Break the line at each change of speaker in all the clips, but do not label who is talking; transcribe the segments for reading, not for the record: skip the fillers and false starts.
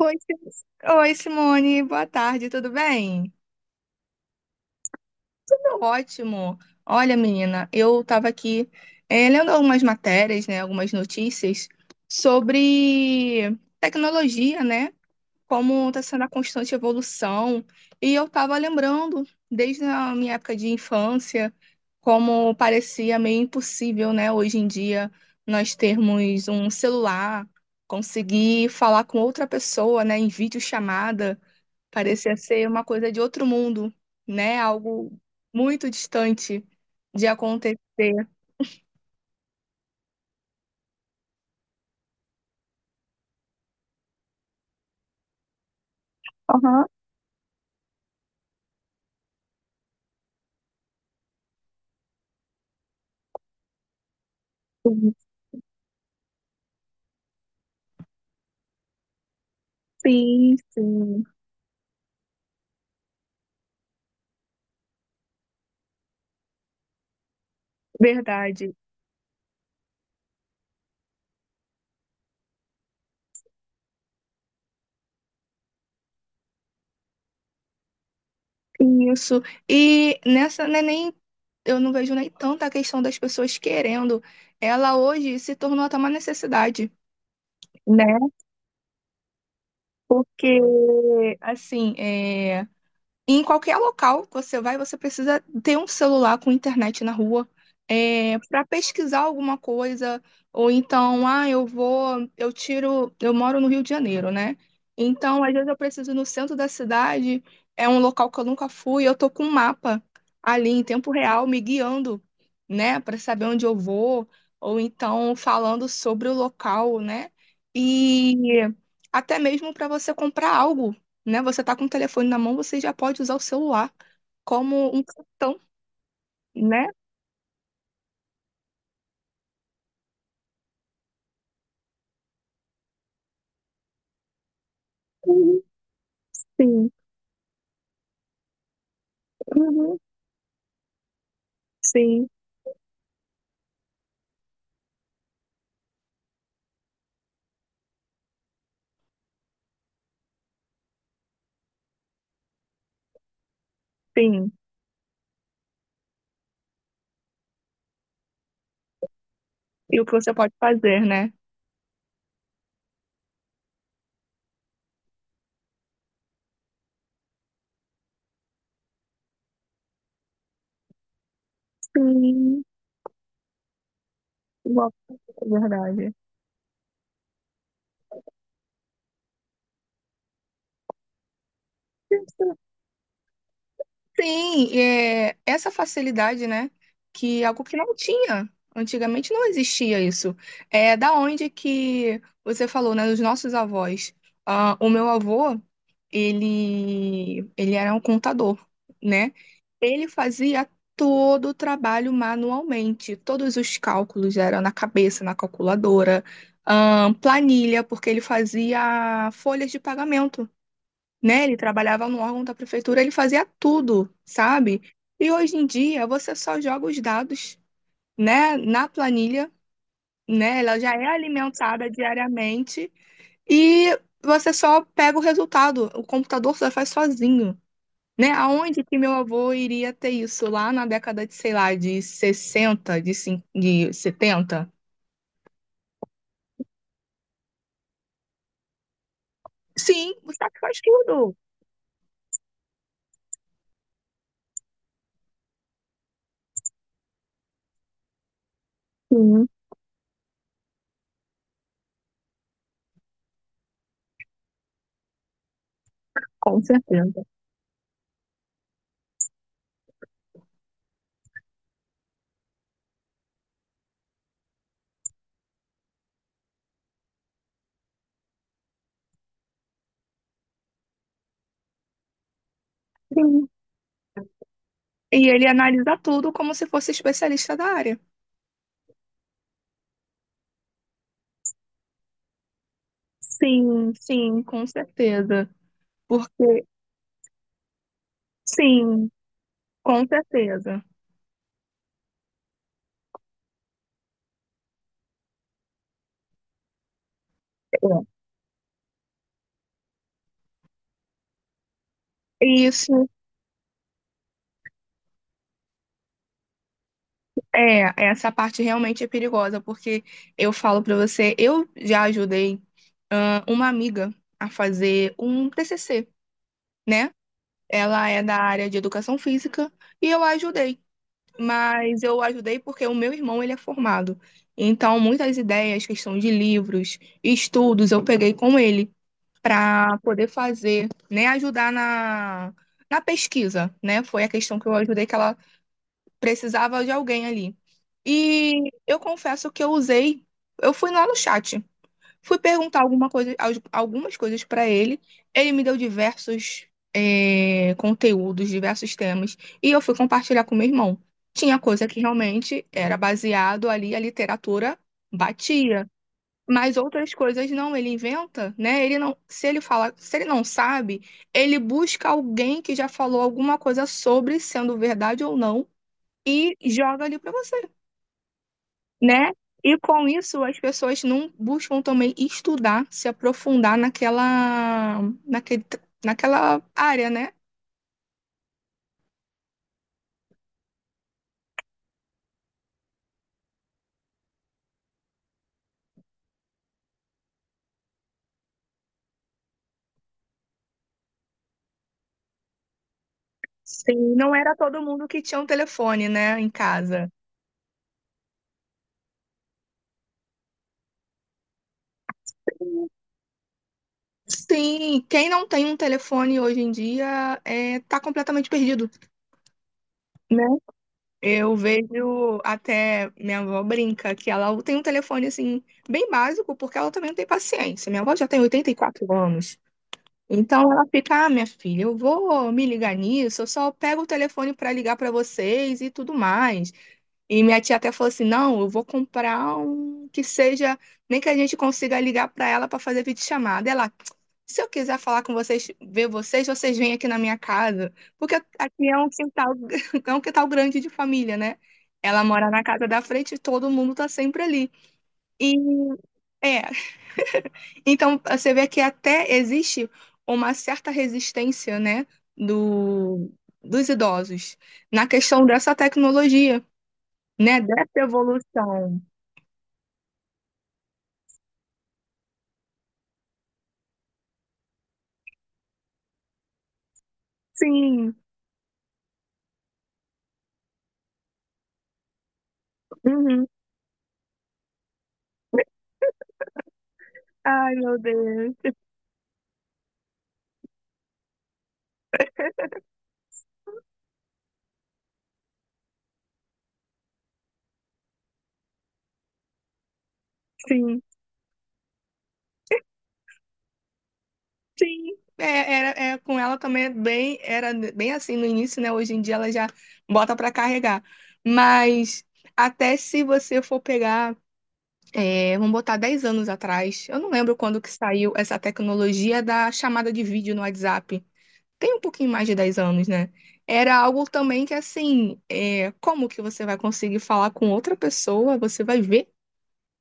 Oi, Oi, Simone, boa tarde, tudo bem? Tudo ótimo. Olha, menina, eu estava aqui lendo algumas matérias, né, algumas notícias sobre tecnologia, né, como está sendo a constante evolução. E eu estava lembrando, desde a minha época de infância, como parecia meio impossível, né, hoje em dia, nós termos um celular, conseguir falar com outra pessoa, né, em videochamada. Parecia ser uma coisa de outro mundo, né? Algo muito distante de acontecer. Aham. Sim, sim, verdade. Isso. E nessa, né, nem eu não vejo nem tanta questão das pessoas querendo. Ela hoje se tornou até uma necessidade, né? Porque, assim, é. E em qualquer local que você vai, você precisa ter um celular com internet na rua, para pesquisar alguma coisa, ou então, ah, eu vou, eu tiro, eu moro no Rio de Janeiro, né? Então, às vezes eu preciso ir no centro da cidade, é um local que eu nunca fui, eu tô com um mapa ali em tempo real me guiando, né, para saber onde eu vou, ou então falando sobre o local, né? E até mesmo para você comprar algo, né? Você tá com o telefone na mão, você já pode usar o celular como um cartão, né? Uhum. Sim, uhum, sim, sim. E o que você pode fazer, né? Sim, igual, é verdade. Sim, é, essa facilidade, né? Que é algo que não tinha. Antigamente não existia isso. É da onde que você falou, né? Dos nossos avós. Ah, o meu avô, ele era um contador, né? Ele fazia todo o trabalho manualmente. Todos os cálculos eram na cabeça, na calculadora, ah, planilha, porque ele fazia folhas de pagamento, né? Ele trabalhava no órgão da prefeitura, ele fazia tudo, sabe? E hoje em dia você só joga os dados, né, na planilha, né? Ela já é alimentada diariamente e você só pega o resultado. O computador só faz sozinho, né? Aonde que meu avô iria ter isso lá na década de, sei lá, de 60, de 70? Sim, o SAC faz tudo. Sim, com certeza. Sim. E ele analisa tudo como se fosse especialista da área. Sim, sim, com certeza. Porque, sim, com certeza. É. Isso, é, essa parte realmente é perigosa, porque eu falo pra você, eu já ajudei, ah, uma amiga a fazer um TCC, né? Ela é da área de educação física e eu a ajudei, mas eu a ajudei porque o meu irmão, ele é formado. Então, muitas ideias, questão de livros, estudos, eu peguei com ele, para poder fazer, né, ajudar na, na pesquisa, né? Foi a questão que eu ajudei, que ela precisava de alguém ali. E eu confesso que eu usei, eu fui lá no chat, fui perguntar alguma coisa, algumas coisas para ele, ele me deu diversos conteúdos, diversos temas, e eu fui compartilhar com meu irmão. Tinha coisa que realmente era baseado ali, a literatura batia. Mas outras coisas não, ele inventa, né? Ele não, se ele fala, se ele não sabe, ele busca alguém que já falou alguma coisa sobre, sendo verdade ou não, e joga ali para você, né? E com isso as pessoas não buscam também estudar, se aprofundar naquela, naquele, naquela área, né? Sim, não era todo mundo que tinha um telefone, né, em casa. Sim, quem não tem um telefone hoje em dia é, tá completamente perdido, né? Eu vejo até minha avó brinca que ela tem um telefone assim bem básico, porque ela também não tem paciência. Minha avó já tem 84 anos. Então ela fica, ah, minha filha, eu vou me ligar nisso, eu só pego o telefone para ligar para vocês e tudo mais. E minha tia até falou assim: não, eu vou comprar um que seja, nem que a gente consiga ligar para ela para fazer videochamada. Ela, se eu quiser falar com vocês, ver vocês, vocês vêm aqui na minha casa. Porque aqui é um quintal, é um quintal grande de família, né? Ela mora na casa da frente e todo mundo tá sempre ali. E é, então você vê que até existe uma certa resistência, né, do, dos idosos na questão dessa tecnologia, né, dessa evolução. Sim. Uhum. Ai, meu Deus. Sim. Sim. É, era, é, com ela também é bem, era bem assim no início, né? Hoje em dia ela já bota pra carregar. Mas até se você for pegar, é, vamos botar 10 anos atrás, eu não lembro quando que saiu essa tecnologia da chamada de vídeo no WhatsApp. Tem um pouquinho mais de 10 anos, né? Era algo também que assim, é, como que você vai conseguir falar com outra pessoa? Você vai ver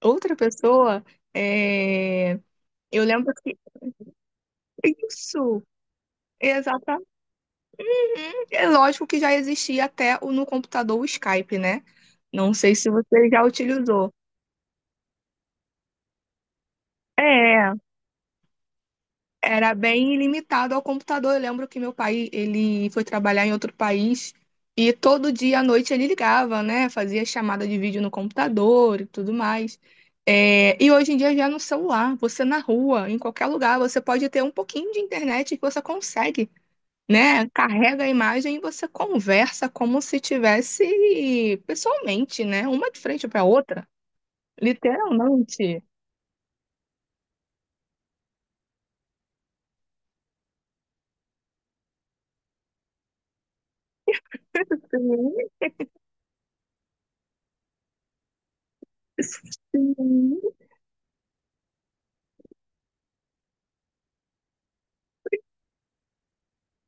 outra pessoa? É, eu lembro que isso, exatamente. É lógico que já existia até no computador o Skype, né? Não sei se você já utilizou. É, era bem limitado ao computador. Eu lembro que meu pai, ele foi trabalhar em outro país e todo dia à noite ele ligava, né? Fazia chamada de vídeo no computador e tudo mais. É, e hoje em dia já é no celular, você na rua, em qualquer lugar, você pode ter um pouquinho de internet que você consegue. Né? Carrega a imagem e você conversa como se tivesse pessoalmente, né? Uma de frente para a outra, literalmente. Sim.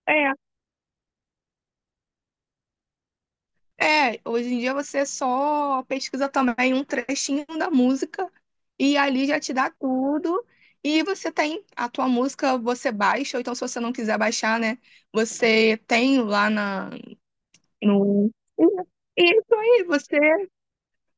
É, é, hoje em dia você só pesquisa também um trechinho da música e ali já te dá tudo. E você tem a tua música, você baixa, ou então se você não quiser baixar, né? Você tem lá na, no. Isso aí, você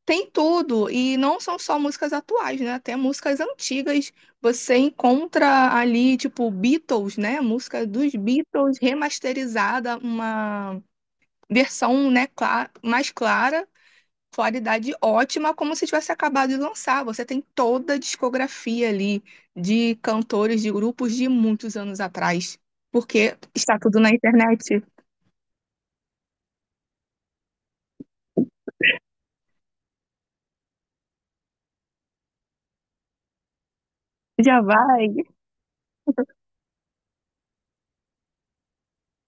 tem tudo, e não são só músicas atuais, né? Até músicas antigas você encontra ali, tipo, Beatles, né? Música dos Beatles remasterizada, uma versão, né, mais clara, qualidade ótima, como se tivesse acabado de lançar. Você tem toda a discografia ali de cantores, de grupos de muitos anos atrás, porque está tudo na internet. Já vai,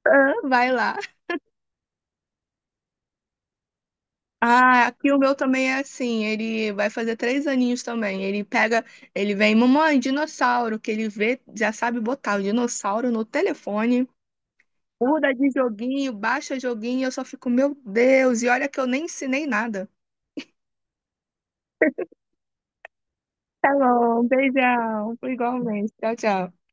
vai lá. Ah, aqui o meu também é assim, ele vai fazer três aninhos também. Ele pega, ele vem, mamãe, dinossauro, que ele vê, já sabe botar o dinossauro no telefone, muda de joguinho, baixa joguinho, eu só fico, meu Deus, e olha que eu nem ensinei nada. Tá bom, beijão, igualmente. Tchau, tchau.